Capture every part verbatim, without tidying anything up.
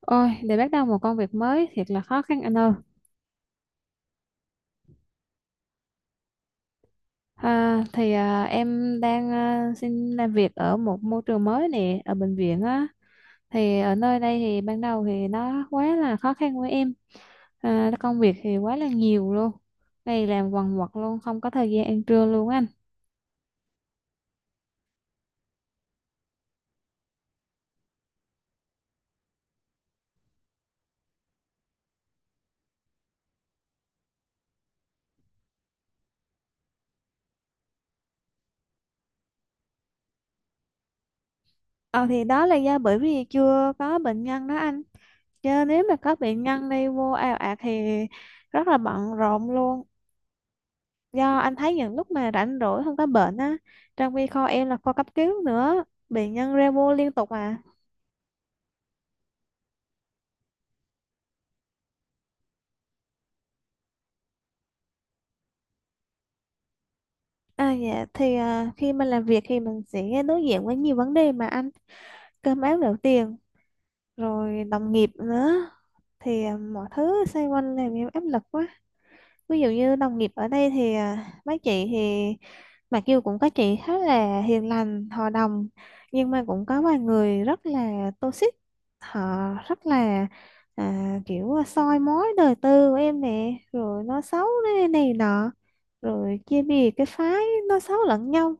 Ôi, để bắt đầu một công việc mới thiệt là khó khăn anh ơi. À, thì à, em đang à, xin làm việc ở một môi trường mới nè, ở bệnh viện á. Thì ở nơi đây thì ban đầu thì nó quá là khó khăn với em. À, công việc thì quá là nhiều luôn. Ngày làm quần quật luôn, không có thời gian ăn trưa luôn anh. Ờ thì đó là do bởi vì chưa có bệnh nhân đó anh. Chứ nếu mà có bệnh nhân đi vô ào ạt thì rất là bận rộn luôn. Do anh thấy những lúc mà rảnh rỗi không có bệnh á, trong khi kho em là kho cấp cứu nữa, bệnh nhân ra vô liên tục. À à dạ thì à, Khi mình làm việc thì mình sẽ đối diện với nhiều vấn đề mà anh, cơm áo gạo tiền, rồi đồng nghiệp nữa, thì à, mọi thứ xoay quanh làm em áp lực quá. Ví dụ như đồng nghiệp ở đây thì à, mấy chị thì mặc dù cũng có chị khá là hiền lành, hòa đồng, nhưng mà cũng có vài người rất là toxic. Họ rất là, à, kiểu à, soi mói đời tư của em nè, rồi nói xấu này, này nọ, rồi chia bè cái phái nói xấu lẫn nhau.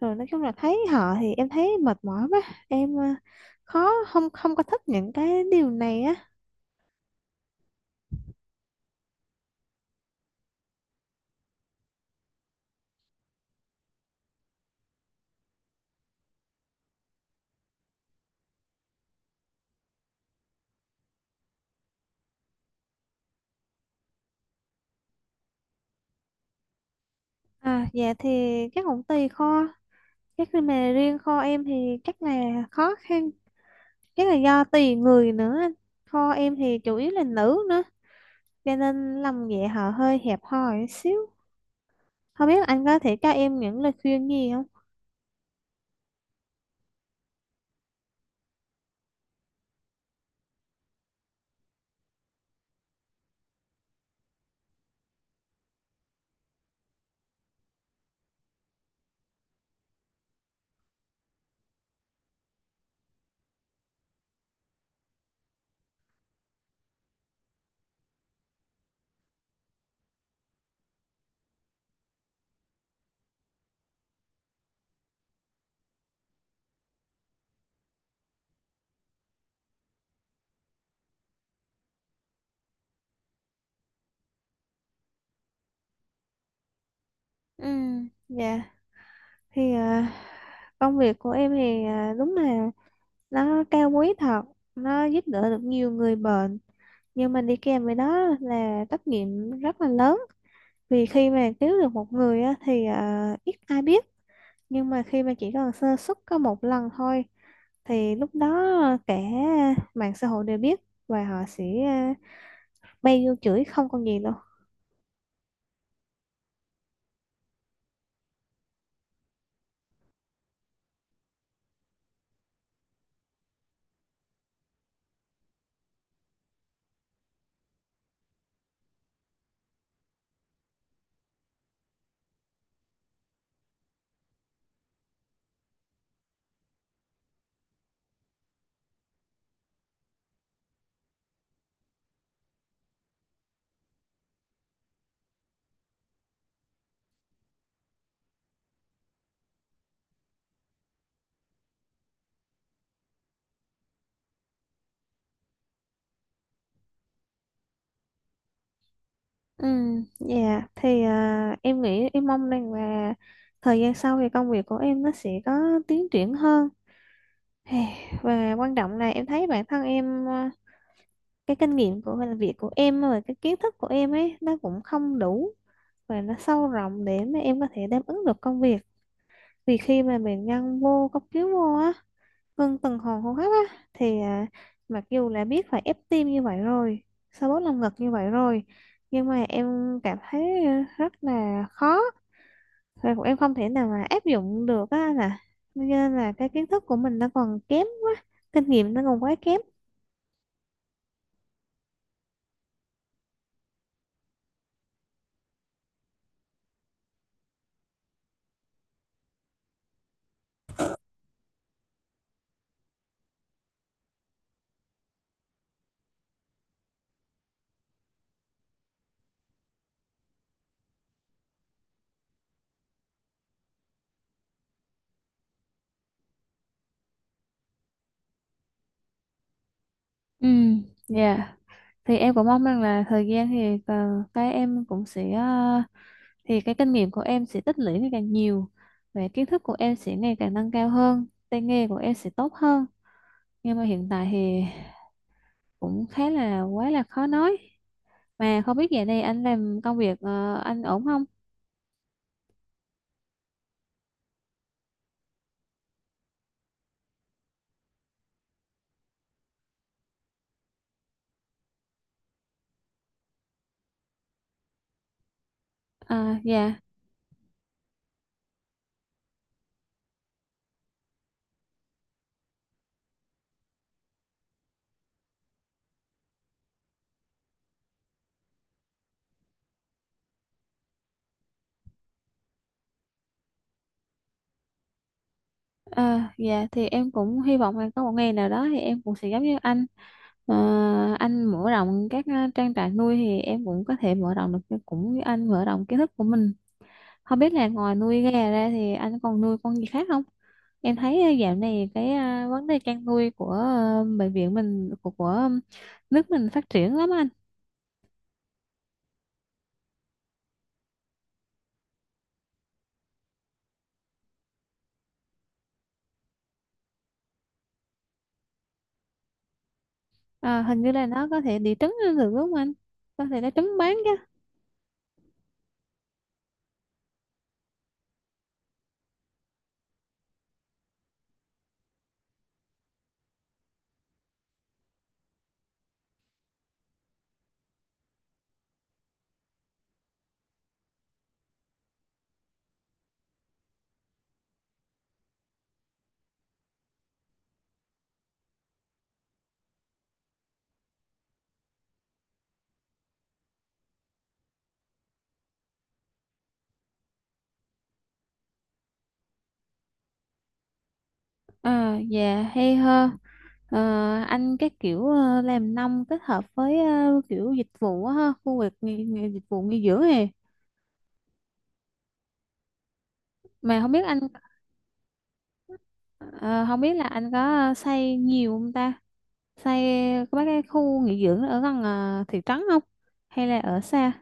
Rồi nói chung là thấy họ thì em thấy mệt mỏi quá. Em à, khó, không không có thích những cái điều này á. À dạ thì chắc cũng tùy kho chắc là mà riêng kho em thì chắc là khó khăn chắc là do tùy người nữa kho em thì chủ yếu là nữ nữa cho nên lòng dạ họ hơi hẹp hòi xíu không biết anh có thể cho em những lời khuyên gì không? ừ dạ thì ờ, công việc của em thì ờ, đúng là nó cao quý thật, nó giúp đỡ được nhiều người bệnh, nhưng mà đi kèm với đó là trách nhiệm rất là lớn. Vì khi mà cứu được một người á, thì ờ, ít ai biết, nhưng mà khi mà chỉ cần sơ suất có một lần thôi thì lúc đó cả mạng xã hội đều biết, và họ sẽ à, bay vô chửi không còn gì đâu. ừ dạ thì à, em nghĩ, em mong rằng là thời gian sau thì công việc của em nó sẽ có tiến triển hơn. Hey, và quan trọng là em thấy bản thân em à, cái kinh nghiệm của làm việc của em và cái kiến thức của em ấy nó cũng không đủ và nó sâu rộng để mà em có thể đáp ứng được công việc. Vì khi mà mình nhân vô cấp cứu vô á, ngưng tuần hoàn hô hấp á thì à, mặc dù là biết phải ép tim như vậy rồi, xoa bóp lồng ngực như vậy rồi, nhưng mà em cảm thấy à, rất là khó, và cũng em không thể nào mà áp dụng được á anh. Cho nên là cái kiến thức của mình nó còn kém quá, kinh nghiệm nó còn quá kém. Ừ, dạ. Thì em cũng mong rằng là thời gian thì ờ, cái em cũng sẽ ờ, thì cái kinh nghiệm của em sẽ tích lũy ngày càng nhiều, và kiến thức của em sẽ ngày càng nâng cao hơn, tay nghề của em sẽ tốt hơn. Nhưng mà hiện tại thì cũng khá là quá là khó nói. Mà không biết giờ này anh làm công việc ờ, anh ổn không? à, dạ à, dạ thì em cũng hy vọng là có một ngày nào đó thì em cũng sẽ giống như anh. Ờ, anh mở rộng các ờ, trang trại nuôi thì em cũng có thể mở rộng được cái- cũng như anh mở rộng kiến thức của mình. Không biết là ngoài nuôi gà ra thì anh còn nuôi con gì khác không? Em thấy ờ, dạo này cái ờ, vấn đề chăn nuôi của ờ, bệnh viện mình của, của nước mình phát triển lắm anh. Ờ, hình như là nó có thể đẻ trứng lên được đúng không anh? Có thể đẻ trứng bán chứ. Ờ, dạ hay ho. Ờ, anh cái kiểu ờ, làm nông kết hợp với ờ, kiểu dịch vụ á ha, khu vực nghỉ, nghỉ, dịch vụ nghỉ dưỡng này. Mà không biết anh ờ, không biết là anh có ờ, xây nhiều không ta? Xây có mấy cái khu nghỉ dưỡng ở gần ờ, thị trấn không? Hay là ở xa?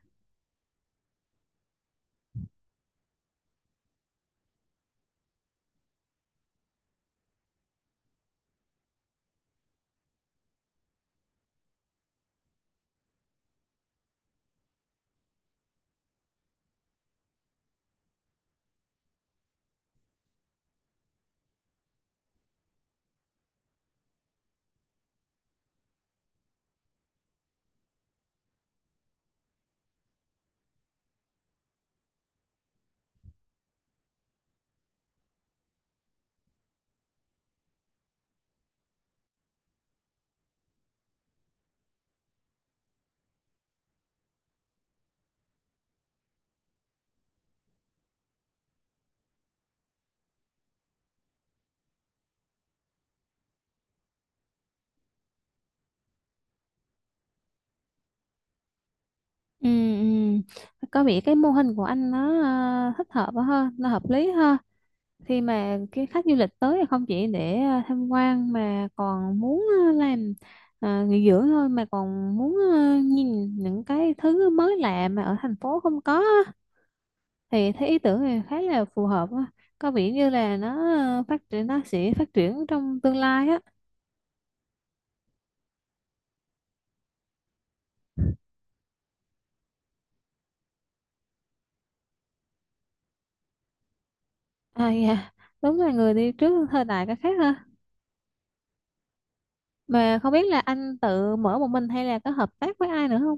Ừ, ừ. Có vẻ cái mô hình của anh nó ờ, thích hợp quá ha, nó hợp lý ha. Khi mà cái khách du lịch tới thì không chỉ để à, tham quan mà còn muốn à, làm à, nghỉ dưỡng thôi, mà còn muốn à, nhìn những cái thứ mới lạ mà ở thành phố không có á. Thì thấy ý tưởng này khá là phù hợp á. Có vẻ như là nó à, phát triển nó sẽ phát triển trong tương lai á. À dạ, đúng là người đi trước thời đại cái khác ha. Mà không biết là anh tự mở một mình hay là có hợp tác với ai nữa không?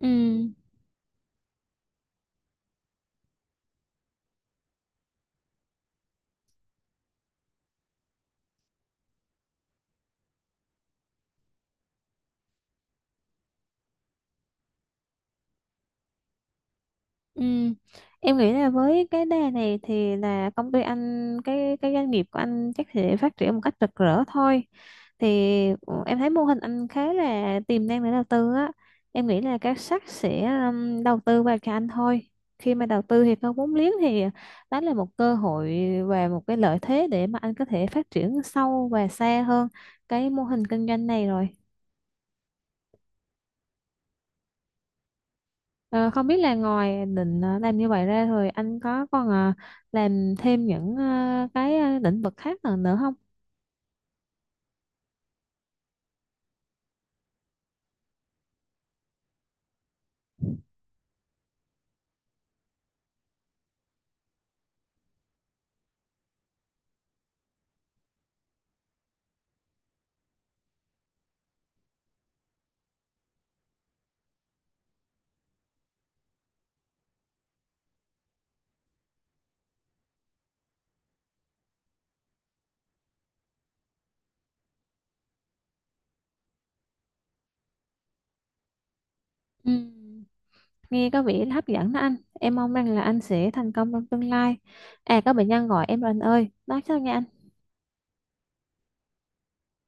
ừ Ừ. Em nghĩ là với cái đề này thì là công ty anh, cái cái doanh nghiệp của anh chắc sẽ phát triển một cách rực rỡ thôi. Thì ừ, em thấy mô hình anh khá là tiềm năng để đầu tư á. Em nghĩ là các sắc sẽ um, đầu tư vào cho anh thôi. Khi mà đầu tư thì có vốn liếng thì đó là một cơ hội và một cái lợi thế để mà anh có thể phát triển sâu và xa hơn cái mô hình kinh doanh này rồi. Ờ, không biết là ngoài định ờ, làm như vậy ra rồi anh có còn ờ, làm thêm những ờ, cái ờ, lĩnh vực khác nữa nữa không? Ừ. Nghe có vẻ hấp dẫn đó anh. Em mong rằng là anh sẽ thành công trong tương lai. À, có bệnh nhân gọi em rồi anh ơi. Nói sao nha anh?